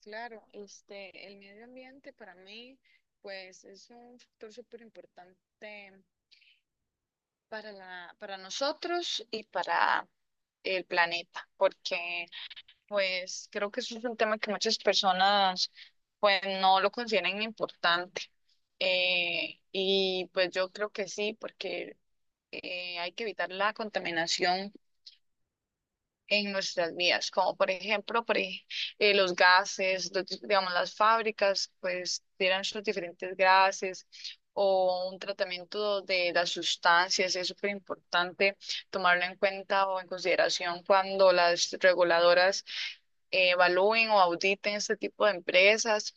Claro, este, el medio ambiente para mí, pues es un factor súper importante para para nosotros y para el planeta, porque pues creo que eso es un tema que muchas personas pues no lo consideran importante. Y pues yo creo que sí, porque hay que evitar la contaminación en nuestras vidas, como por ejemplo los gases, digamos, las fábricas pues tiran sus diferentes gases o un tratamiento de las sustancias. Es súper importante tomarlo en cuenta o en consideración cuando las reguladoras evalúen o auditen este tipo de empresas.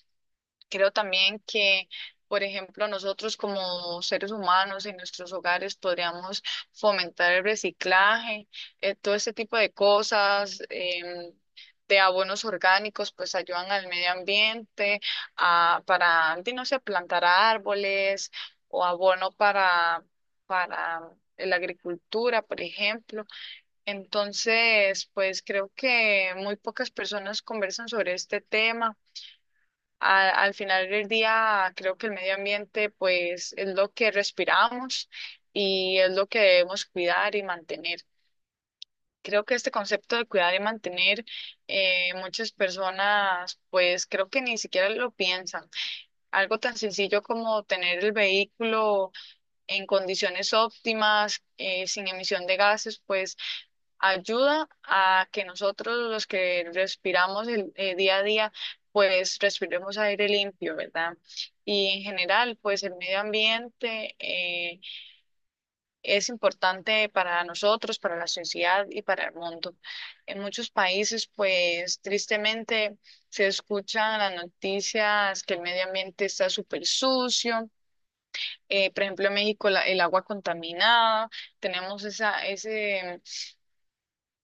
Creo también que, por ejemplo, nosotros como seres humanos en nuestros hogares podríamos fomentar el reciclaje, todo este tipo de cosas, de abonos orgánicos, pues ayudan al medio ambiente, no sé, plantar árboles o abono para la agricultura, por ejemplo. Entonces, pues creo que muy pocas personas conversan sobre este tema. Al final del día, creo que el medio ambiente pues es lo que respiramos y es lo que debemos cuidar y mantener. Creo que este concepto de cuidar y mantener, muchas personas, pues, creo que ni siquiera lo piensan. Algo tan sencillo como tener el vehículo en condiciones óptimas, sin emisión de gases, pues ayuda a que nosotros los que respiramos el día a día, pues respiremos aire limpio, ¿verdad? Y en general, pues el medio ambiente es importante para nosotros, para la sociedad y para el mundo. En muchos países, pues tristemente, se escuchan las noticias que el medio ambiente está súper sucio. Por ejemplo, en México, el agua contaminada. Tenemos ese,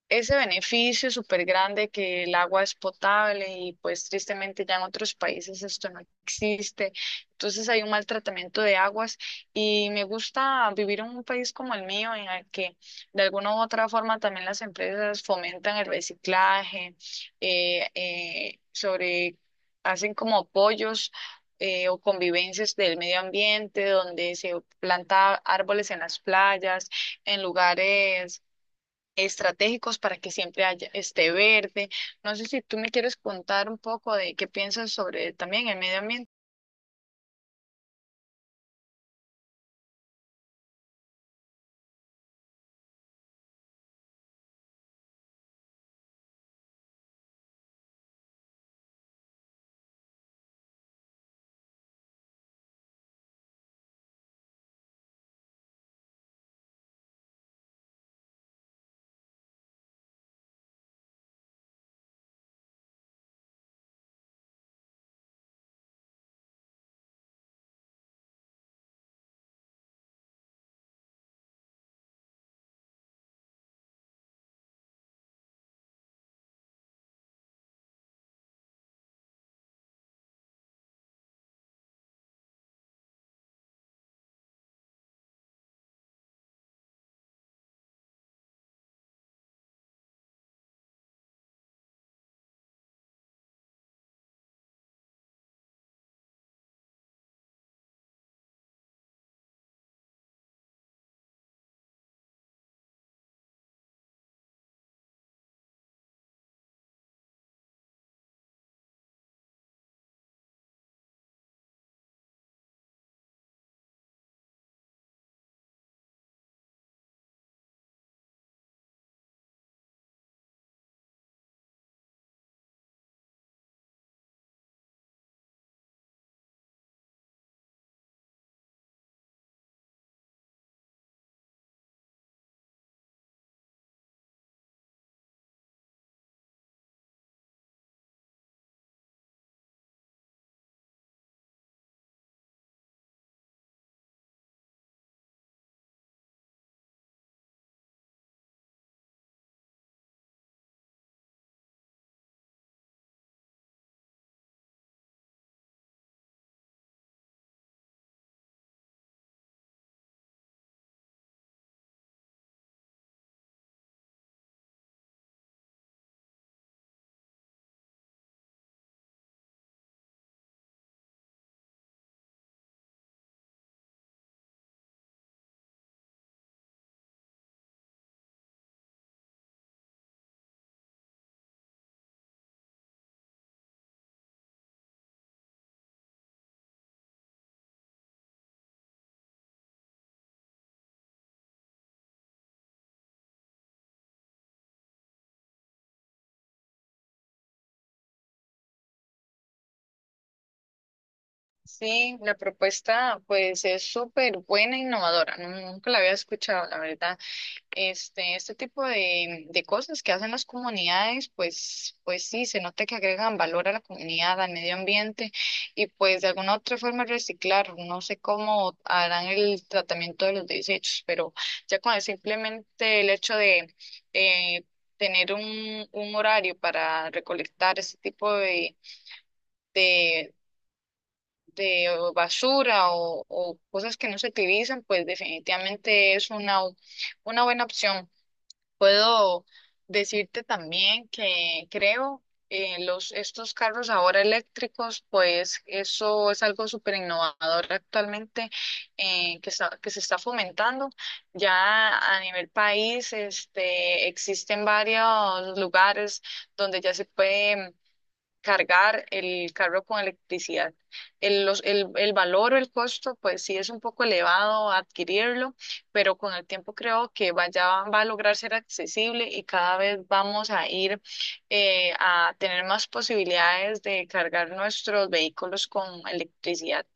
ese beneficio súper grande, que el agua es potable, y pues tristemente ya en otros países esto no existe. Entonces, hay un maltratamiento de aguas, y me gusta vivir en un país como el mío, en el que de alguna u otra forma también las empresas fomentan el reciclaje, eh, eh, sobre, hacen como apoyos, o convivencias del medio ambiente, donde se planta árboles en las playas, en lugares estratégicos, para que siempre haya esté verde. No sé si tú me quieres contar un poco de qué piensas sobre también el medio ambiente. Sí, la propuesta pues es súper buena e innovadora. Nunca la había escuchado, la verdad. Este tipo de cosas que hacen las comunidades, pues, pues sí, se nota que agregan valor a la comunidad, al medio ambiente, y pues de alguna otra forma reciclar. No sé cómo harán el tratamiento de los desechos, pero ya simplemente el hecho de eh, tener un horario para recolectar ese tipo de, de basura, o cosas que no se utilizan, pues definitivamente es una buena opción. Puedo decirte también que creo los, estos carros ahora eléctricos, pues eso es algo súper innovador actualmente, que se está fomentando. Ya a nivel país, este, existen varios lugares donde ya se puede cargar el carro con electricidad. El valor o el costo, pues sí es un poco elevado adquirirlo, pero con el tiempo creo que va a lograr ser accesible, y cada vez vamos a ir a tener más posibilidades de cargar nuestros vehículos con electricidad.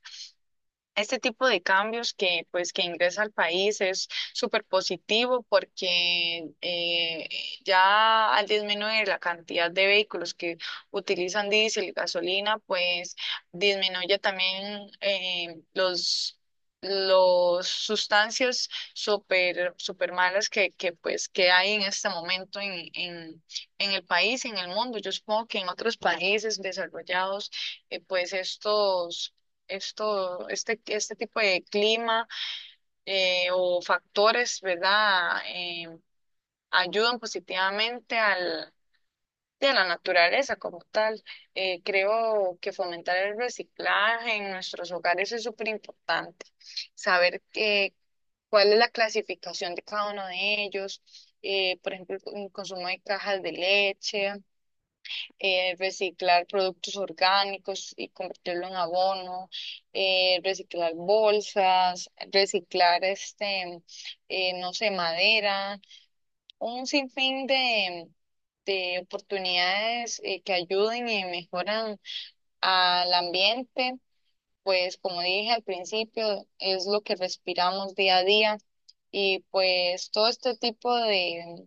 Este tipo de cambios que, pues, que ingresa al país, es súper positivo, porque ya al disminuir la cantidad de vehículos que utilizan diésel y gasolina, pues disminuye también los sustancias súper súper malas que, pues, que hay en este momento en el país, en el mundo. Yo supongo que en otros países desarrollados, pues este tipo de clima o factores, ¿verdad? Ayudan positivamente de a la naturaleza como tal. Creo que fomentar el reciclaje en nuestros hogares es súper importante. Saber que, cuál es la clasificación de cada uno de ellos. Por ejemplo, el consumo de cajas de leche, reciclar productos orgánicos y convertirlo en abono, reciclar bolsas, reciclar este, no sé, madera, un sinfín de oportunidades que ayuden y mejoran al ambiente. Pues como dije al principio, es lo que respiramos día a día, y pues todo este tipo de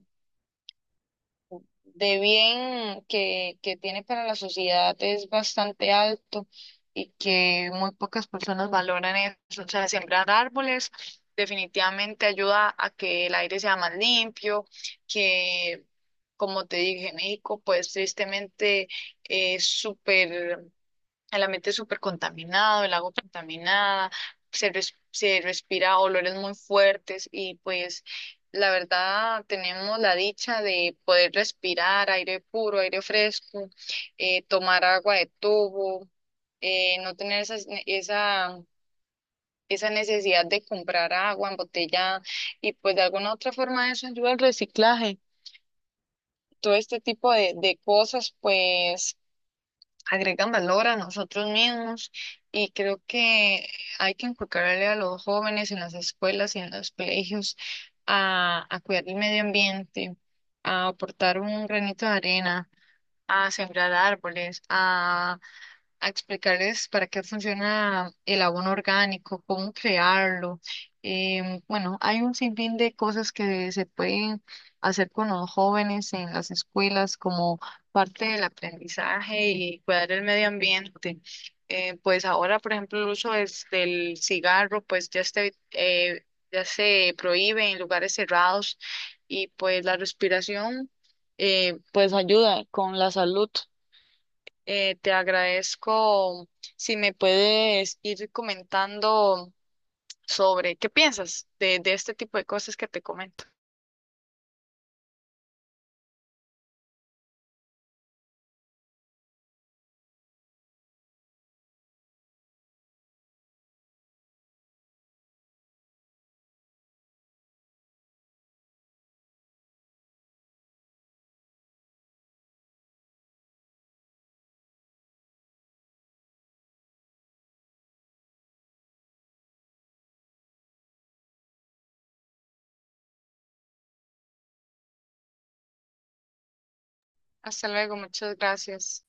de bien que tiene para la sociedad, es bastante alto, y que muy pocas personas valoran eso. O sea, sembrar árboles definitivamente ayuda a que el aire sea más limpio, que, como te dije, México, pues tristemente es súper, el ambiente es súper contaminado, el agua contaminada, se, se respira olores muy fuertes, y pues la verdad tenemos la dicha de poder respirar aire puro, aire fresco, tomar agua de tubo, no tener esa, esa necesidad de comprar agua embotellada, y pues de alguna u otra forma eso ayuda al reciclaje. Todo este tipo de cosas, pues agregan valor a nosotros mismos, y creo que hay que inculcarle a los jóvenes en las escuelas y en los colegios a cuidar el medio ambiente, a aportar un granito de arena, a sembrar árboles, a explicarles para qué funciona el abono orgánico, cómo crearlo. Bueno, hay un sinfín de cosas que se pueden hacer con los jóvenes en las escuelas como parte del aprendizaje y cuidar el medio ambiente. Pues ahora, por ejemplo, el uso es del cigarro, pues ya este, ya se prohíbe en lugares cerrados, y pues la respiración, pues ayuda con la salud. Te agradezco si me puedes ir comentando sobre qué piensas de este tipo de cosas que te comento. Hasta luego, muchas gracias.